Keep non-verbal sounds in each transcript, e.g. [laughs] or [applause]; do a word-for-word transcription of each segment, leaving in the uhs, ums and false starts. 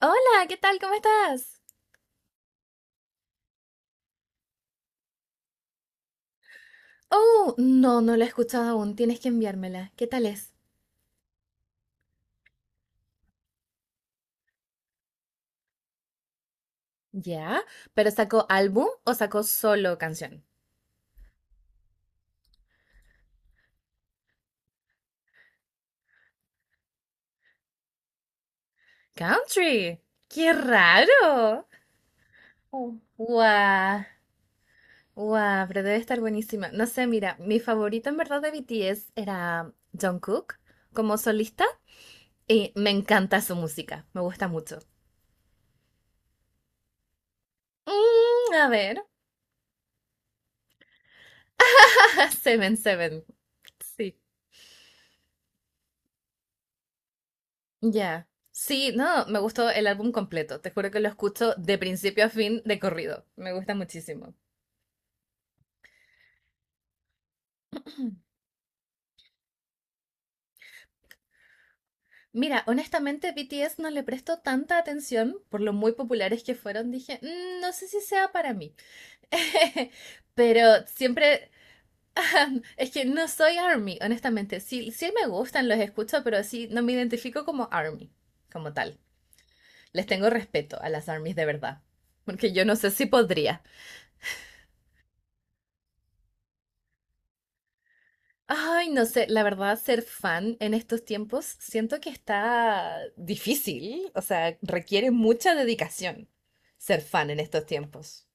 Hola, ¿qué tal? ¿Cómo estás? Oh, no, no la he escuchado aún. Tienes que enviármela. ¿Qué tal es? Ya, pero ¿sacó álbum o sacó solo canción? Country. ¡Qué raro! Oh. Guau, guau, pero debe estar buenísima. No sé, mira, mi favorito en verdad de B T S era Jungkook como solista y me encanta su música, me gusta mucho. Mm, a ver, [laughs] Seven Seven. Sí. Ya. Sí, no, me gustó el álbum completo. Te juro que lo escucho de principio a fin de corrido. Me gusta muchísimo. [clears throat] Mira, honestamente, B T S no le presto tanta atención por lo muy populares que fueron. Dije, "Mm, no sé si sea para mí." [laughs] Pero siempre. [laughs] Es que no soy ARMY, honestamente. Sí, sí me gustan, los escucho, pero sí no me identifico como ARMY, como tal. Les tengo respeto a las ARMYs de verdad. Porque yo no sé si podría. Ay, no sé, la verdad, ser fan en estos tiempos siento que está difícil, o sea, requiere mucha dedicación ser fan en estos tiempos.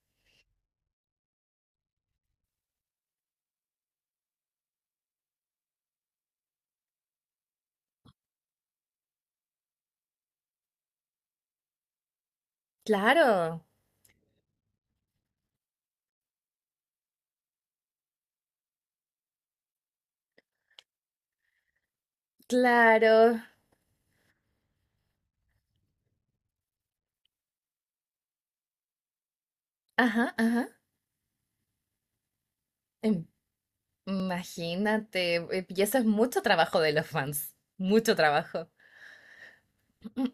Claro, claro. Ajá, ajá. Em- Imagínate, eh, y eso es mucho trabajo de los fans, mucho trabajo. Mm,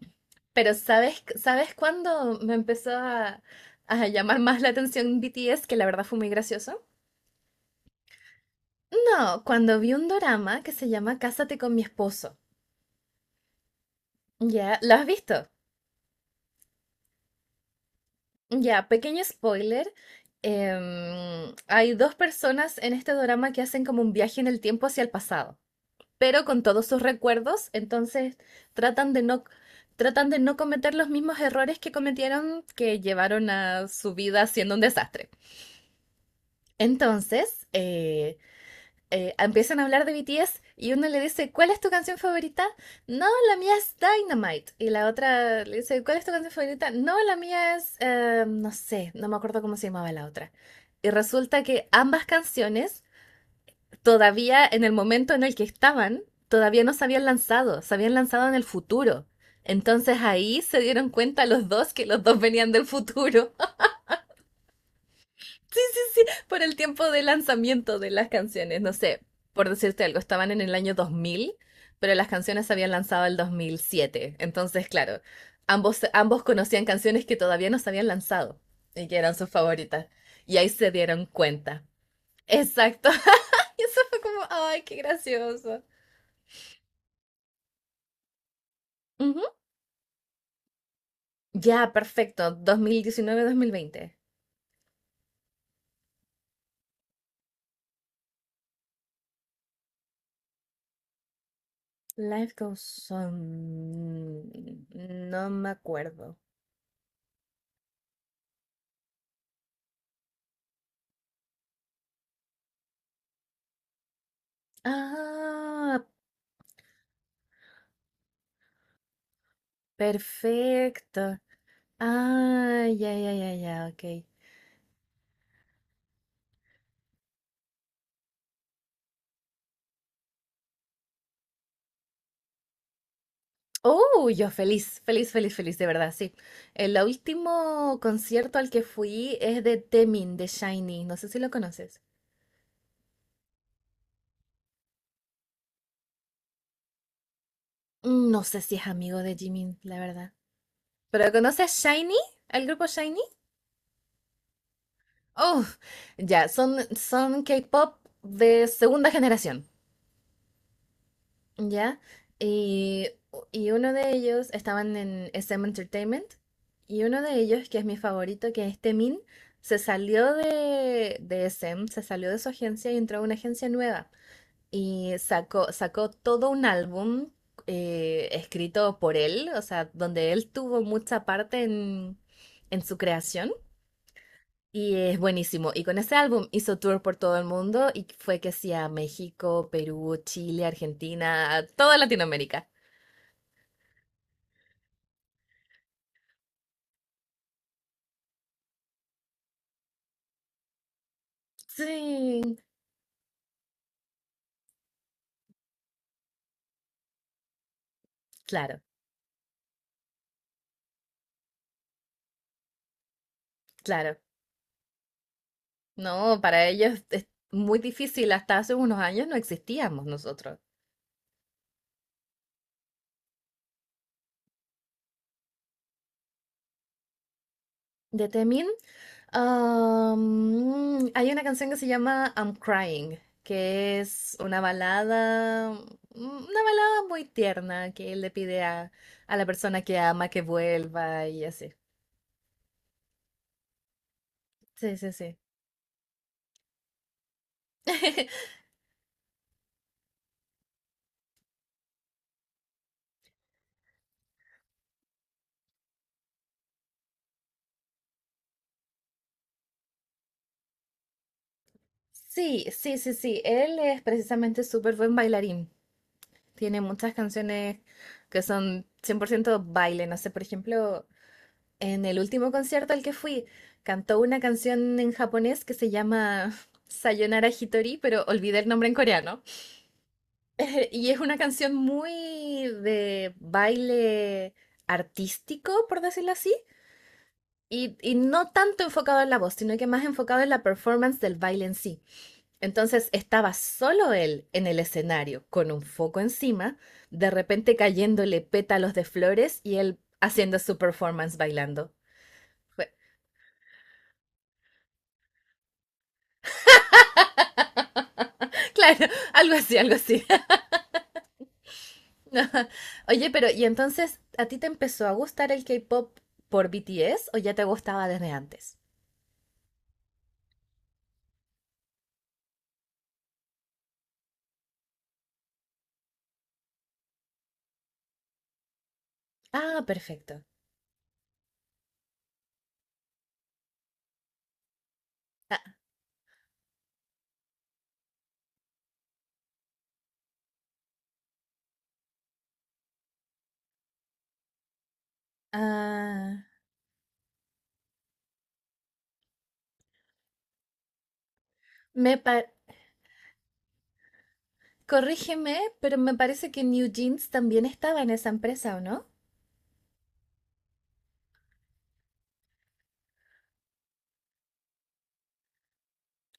Pero ¿sabes, sabes cuándo me empezó a, a llamar más la atención B T S, que la verdad fue muy gracioso? No, cuando vi un dorama que se llama Cásate con mi esposo. Ya, ¿lo has visto? Ya, pequeño spoiler. em, hay dos personas en este drama que hacen como un viaje en el tiempo hacia el pasado, pero con todos sus recuerdos, entonces tratan de no, tratan de no cometer los mismos errores que cometieron que llevaron a su vida siendo un desastre. Entonces, eh, eh, empiezan a hablar de B T S y uno le dice, ¿cuál es tu canción favorita? No, la mía es Dynamite. Y la otra le dice, ¿cuál es tu canción favorita? No, la mía es, eh, no sé, no me acuerdo cómo se llamaba la otra. Y resulta que ambas canciones, todavía en el momento en el que estaban, todavía no se habían lanzado, se habían lanzado en el futuro. Entonces ahí se dieron cuenta los dos que los dos venían del futuro. Sí, por el tiempo de lanzamiento de las canciones. No sé, por decirte algo, estaban en el año dos mil, pero las canciones se habían lanzado el dos mil siete. Entonces, claro, ambos, ambos conocían canciones que todavía no se habían lanzado y que eran sus favoritas. Y ahí se dieron cuenta. Exacto. [laughs] Y eso fue como, ay, qué gracioso. Ujú. Ya, perfecto. dos mil diecinueve-dos mil veinte. Life Goes On. No me acuerdo. Ah, perfecto. Ah, ya, ya, ya, ya, ok. Oh, yo feliz, feliz, feliz, feliz, de verdad, sí. El último concierto al que fui es de Temin, de Shiny. No sé si lo conoces. Mm, No sé si es amigo de Jimin, la verdad. ¿Pero conoces Shiny? ¿Al grupo Shiny? Oh, ya, son, son K-pop de segunda generación. ¿Ya? Y, y uno de ellos estaban en S M Entertainment y uno de ellos, que es mi favorito, que es Temin, se salió de, de S M, se salió de su agencia y entró a una agencia nueva y sacó, sacó todo un álbum, eh, escrito por él, o sea, donde él tuvo mucha parte en, en su creación. Y es buenísimo. Y con ese álbum hizo tour por todo el mundo y fue que sí a México, Perú, Chile, Argentina, toda Latinoamérica. Sí, claro, claro. No, para ellos es muy difícil. Hasta hace unos años no existíamos nosotros. De Temin, am, hay una canción que se llama I'm Crying, que es una balada, mm, una balada muy tierna que él le pide a, a la persona que ama que vuelva y así. Sí, sí, sí. [laughs] Sí, sí, sí, sí. Él es precisamente súper buen bailarín. Tiene muchas canciones que son cien por ciento baile. No sé, por ejemplo, en el último concierto al que fui, cantó una canción en japonés que se llama [laughs] Sayonara Hitori, pero olvidé el nombre en coreano. [laughs] Y es una canción muy de baile artístico, por decirlo así, y, y no tanto enfocado en la voz, sino que más enfocado en la performance del baile en sí. Entonces estaba solo él en el escenario, con un foco encima, de repente cayéndole pétalos de flores y él haciendo su performance bailando. Fue- [laughs] Claro, algo así, algo así. [laughs] Oye, pero ¿y entonces a ti te empezó a gustar el K-pop por B T S o ya te gustaba desde antes? Ah, perfecto. Ah, ah, me pa- corrígeme, pero me parece que New Jeans también estaba en esa empresa, ¿o no?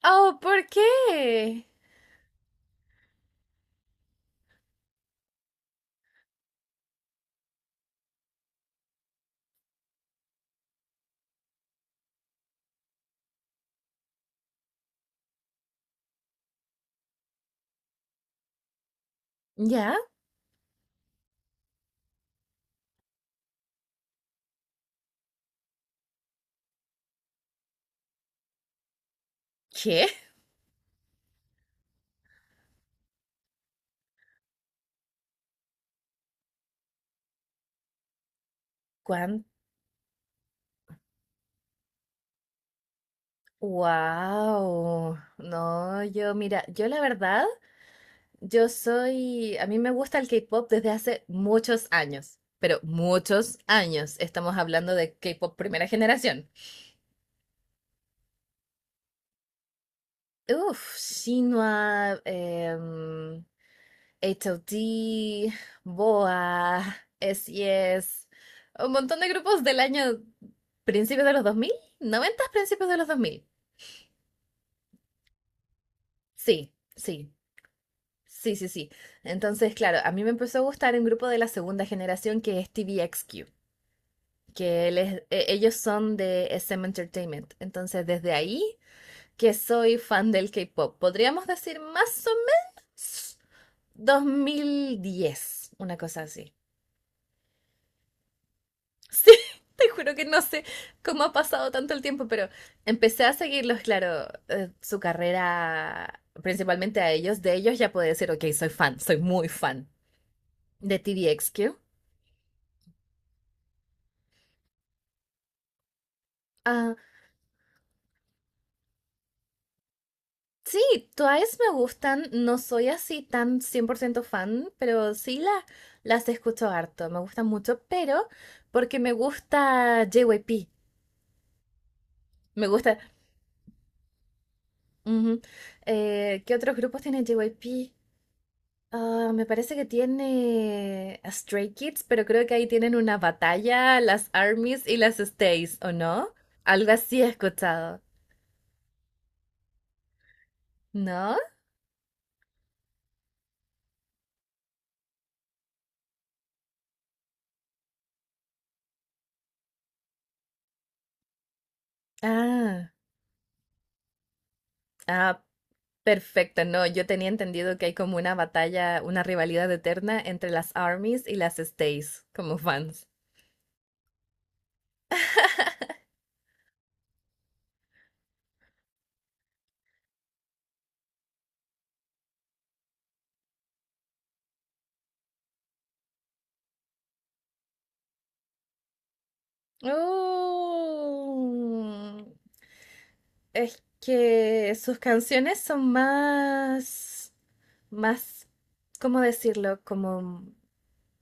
Oh, ¿por qué? ¿Ya? ¿Qué? ¿Cuán? Wow. No, yo mira, yo la verdad, yo soy, a mí me gusta el K-pop desde hace muchos años, pero muchos años. Estamos hablando de K-pop primera generación. Uf, Shinhwa, em, H O T, BoA, S E S, un montón de grupos del año principios de los dos mil, noventa principios de los dos mil. Sí, sí. Sí, sí, sí. Entonces, claro, a mí me empezó a gustar un grupo de la segunda generación que es T V X Q, que él es- e- ellos son de S M Entertainment. Entonces, desde ahí que soy fan del K-pop. Podríamos decir más o menos dos mil diez, una cosa así. Sí, [laughs] te juro que no sé cómo ha pasado tanto el tiempo, pero empecé a seguirlos, claro, eh, su carrera principalmente a ellos. De ellos ya puedo decir, ok, soy fan, soy muy fan de T V X Q. Sí, Twice me gustan, no soy así tan cien por ciento fan, pero sí la- las escucho harto, me gustan mucho, pero porque me gusta J Y P, me gusta. Ujú. Eh, ¿qué otros grupos tiene J Y P? Ah, me parece que tiene a Stray Kids, pero creo que ahí tienen una batalla, las ARMYs y las Stays, ¿o no? Algo así he escuchado, ¿no? Ah, ah. Perfecto, no, yo tenía entendido que hay como una batalla, una rivalidad eterna entre las armies y las stays como fans. Oh, es que sus canciones son más, más, ¿cómo decirlo? Como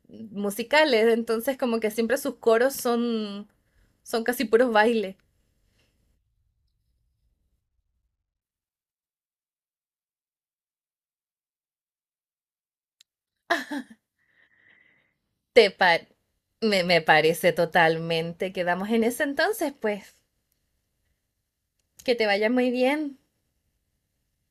musicales, entonces como que siempre sus coros son, son, casi puros bailes. Te pa- me, me parece totalmente. Quedamos en ese entonces, pues, que te vaya muy bien.